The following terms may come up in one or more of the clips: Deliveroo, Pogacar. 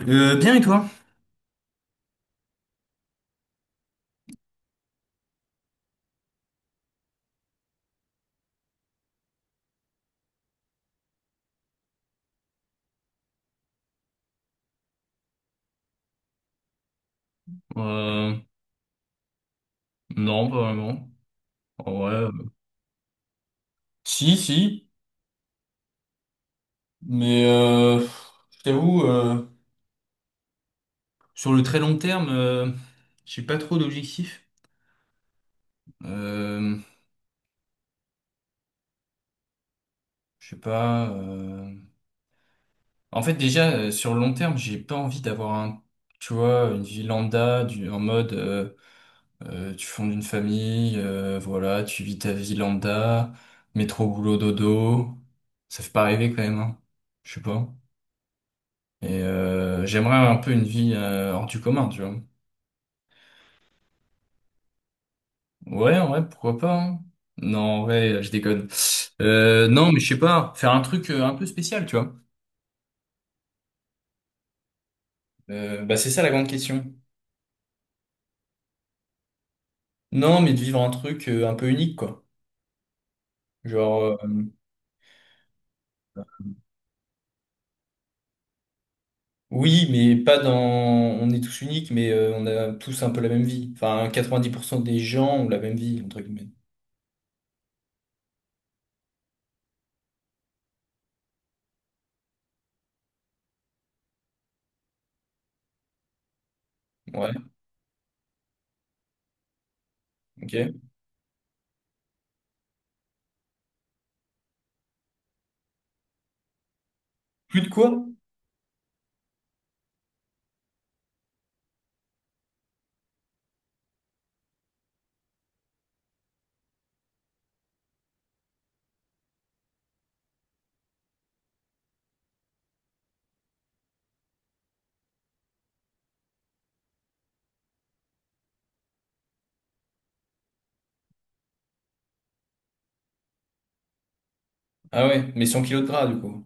Bien et toi? Euh, non, pas vraiment. En vrai, si, si, mais je t'avoue, sur le très long terme, j'ai pas trop d'objectifs. Euh, je sais pas. En fait, déjà, sur le long terme, j'ai pas envie d'avoir un, tu vois, une vie lambda, du, en mode, tu fondes une famille, voilà, tu vis ta vie lambda, métro, boulot, dodo. Ça fait pas rêver quand même, hein. Je sais pas. Et j'aimerais un peu une vie hors du commun, tu vois. Ouais, ouais, pourquoi pas, hein. Non, en vrai, je déconne. Non, mais je sais pas, faire un truc un peu spécial, tu vois. Bah c'est ça la grande question. Non, mais de vivre un truc un peu unique, quoi. Genre, oui, mais pas dans... On est tous uniques, mais on a tous un peu la même vie. Enfin, 90% des gens ont la même vie, entre guillemets. Ouais, ok. Plus de quoi? Ah ouais, mais 100 kilos de gras, du coup.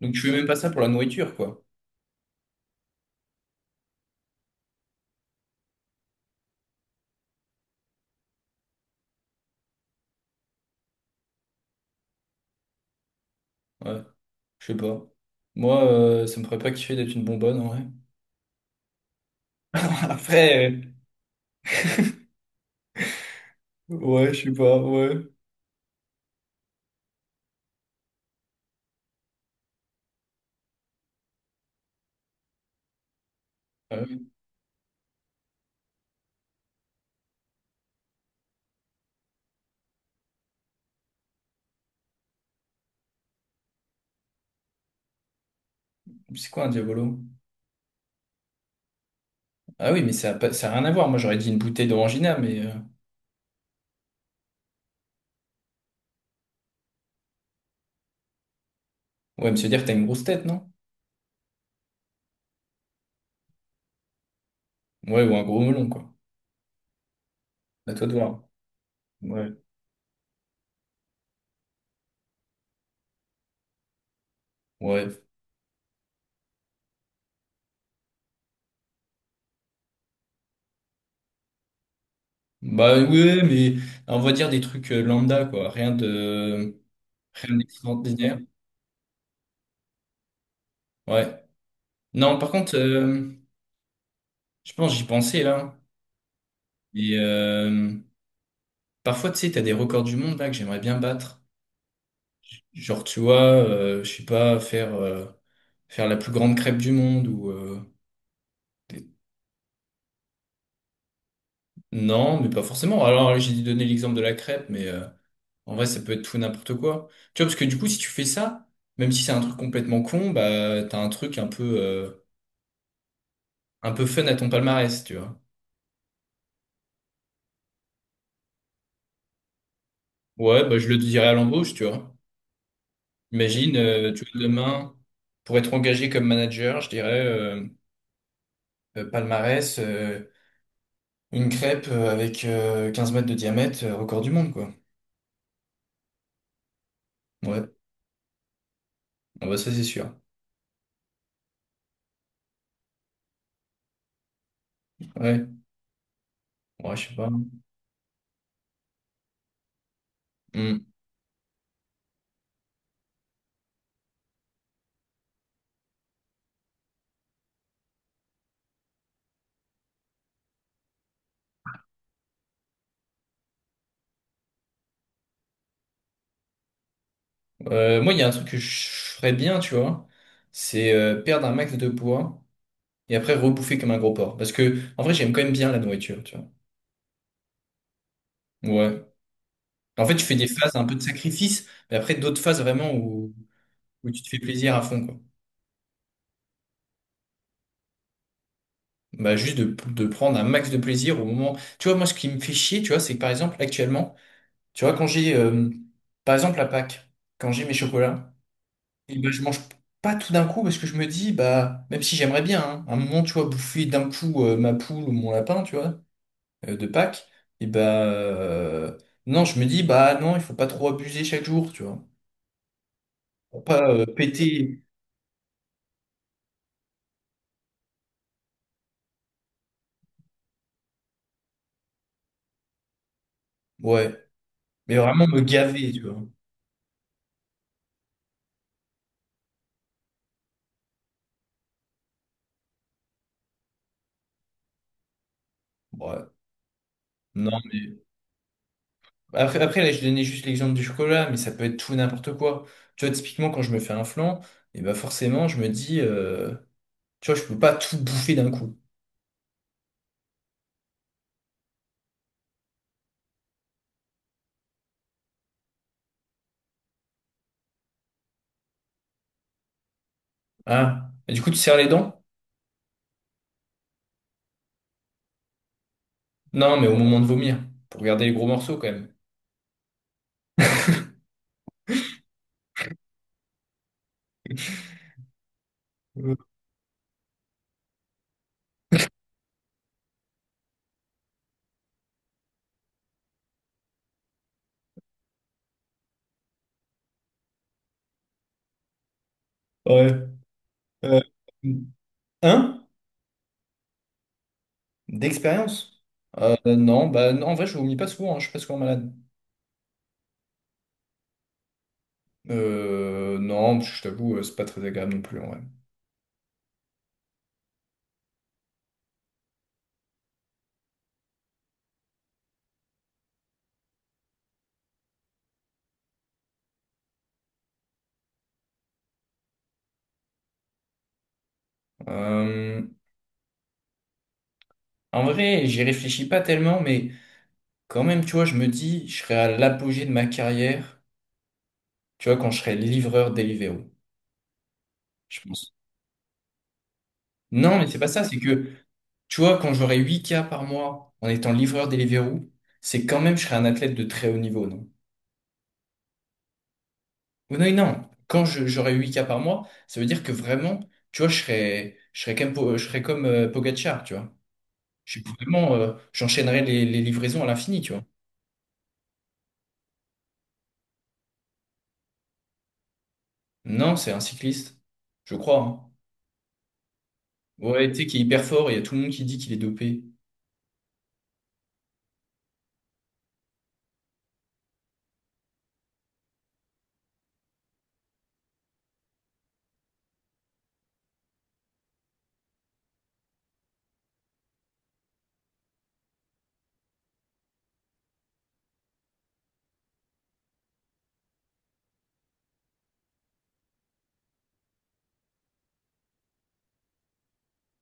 Donc tu fais même pas ça pour la nourriture, quoi. Ouais, je sais pas. Moi, ça me ferait pas kiffer d'être une bonbonne, en vrai. Après, ouais, je sais pas, ouais. Euh, c'est quoi un diabolo? Ah oui, mais ça a rien à voir. Moi, j'aurais dit une bouteille d'orangina, mais... Ouais, me se dire que t'as une grosse tête, non? Ouais, ou un gros melon, quoi. À toi de voir. Ouais. Ouais. Bah ouais, mais on va dire des trucs lambda, quoi. Rien de... Rien d'extraordinaire. Ouais. Non, par contre, je pense, j'y pensais, là. Et parfois, tu sais, t'as des records du monde, là, que j'aimerais bien battre. Genre, tu vois, je sais pas, faire la plus grande crêpe du monde ou... des- Non, mais pas forcément. Alors, j'ai donné l'exemple de la crêpe, mais en vrai, ça peut être tout et n'importe quoi. Tu vois, parce que du coup, si tu fais ça, même si c'est un truc complètement con, bah, t'as un truc un peu fun à ton palmarès, tu vois. Ouais, bah, je le dirais à l'embauche, tu vois. Imagine, tu vois, demain, pour être engagé comme manager, je dirais palmarès, une crêpe avec 15 mètres de diamètre, record du monde, quoi. Ouais, ah bah ça c'est sûr. Ouais, ouais, je sais pas. Hmm. Moi, il y a un truc que je ferais bien, tu vois, c'est perdre un max de poids et après rebouffer comme un gros porc. Parce que, en vrai, j'aime quand même bien la nourriture, tu vois. Ouais. En fait, tu fais des phases un peu de sacrifice, mais après d'autres phases vraiment où tu te fais plaisir à fond, quoi. Bah, juste de prendre un max de plaisir au moment. Tu vois, moi, ce qui me fait chier, tu vois, c'est que par exemple, actuellement, tu vois, quand j'ai, par exemple, à Pâques, quand j'ai mes chocolats, et ben, je mange pas tout d'un coup parce que je me dis, bah, même si j'aimerais bien, hein, à un moment, tu vois, bouffer d'un coup ma poule ou mon lapin, tu vois, de Pâques, et bah, non, je me dis, bah, non, il faut pas trop abuser chaque jour, tu vois, pour pas péter, ouais, mais vraiment me gaver, tu vois, ouais, non, mais après, après là, je donnais juste l'exemple du chocolat, mais ça peut être tout et n'importe quoi, tu vois, typiquement, quand je me fais un flan, et bah, forcément, je me dis, tu vois, je peux pas tout bouffer d'un coup, hein, et du coup, tu serres les dents. Non, mais au moment de vomir, pour regarder les gros morceaux quand même. Euh, Ouais. Euh, hein? D'expérience? Non, bah non, en vrai, je vomis pas souvent, hein, je suis pas souvent malade. Non, je t'avoue, c'est pas très agréable non plus, en vrai. Euh, En vrai, j'y réfléchis pas tellement, mais quand même, tu vois, je me dis, je serai à l'apogée de ma carrière, tu vois, quand je serai livreur Deliveroo, je pense. Non, mais c'est pas ça, c'est que tu vois, quand j'aurai 8K par mois en étant livreur Deliveroo, c'est quand même, je serai un athlète de très haut niveau, non? Ou non, non. J'aurai huit k par mois, ça veut dire que vraiment, tu vois, je serai comme Pogacar, tu vois. Je suis vraiment, j'enchaînerai les livraisons à l'infini, tu vois. Non, c'est un cycliste. Je crois, hein. Ouais, tu sais, qui est hyper fort, il y a tout le monde qui dit qu'il est dopé.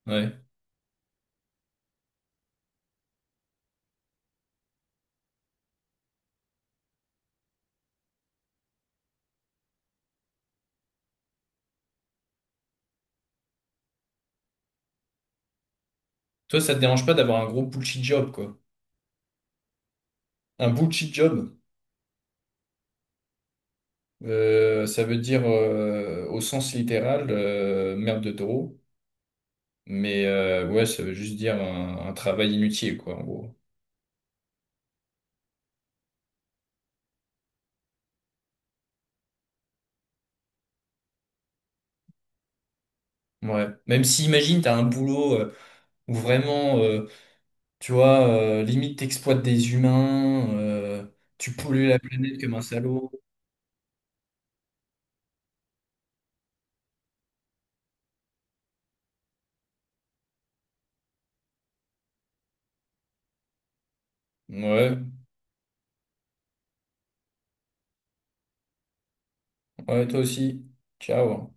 Ouais. Toi, ça te dérange pas d'avoir un gros bullshit job, quoi. Un bullshit job. Ça veut dire au sens littéral merde de taureau, mais ouais, ça veut juste dire un travail inutile, quoi, en gros. Ouais. Même si, imagine, t'as un boulot où vraiment, tu vois, limite t'exploites des humains, tu pollues la planète comme un salaud. Ouais, ouais, toi aussi. Ciao.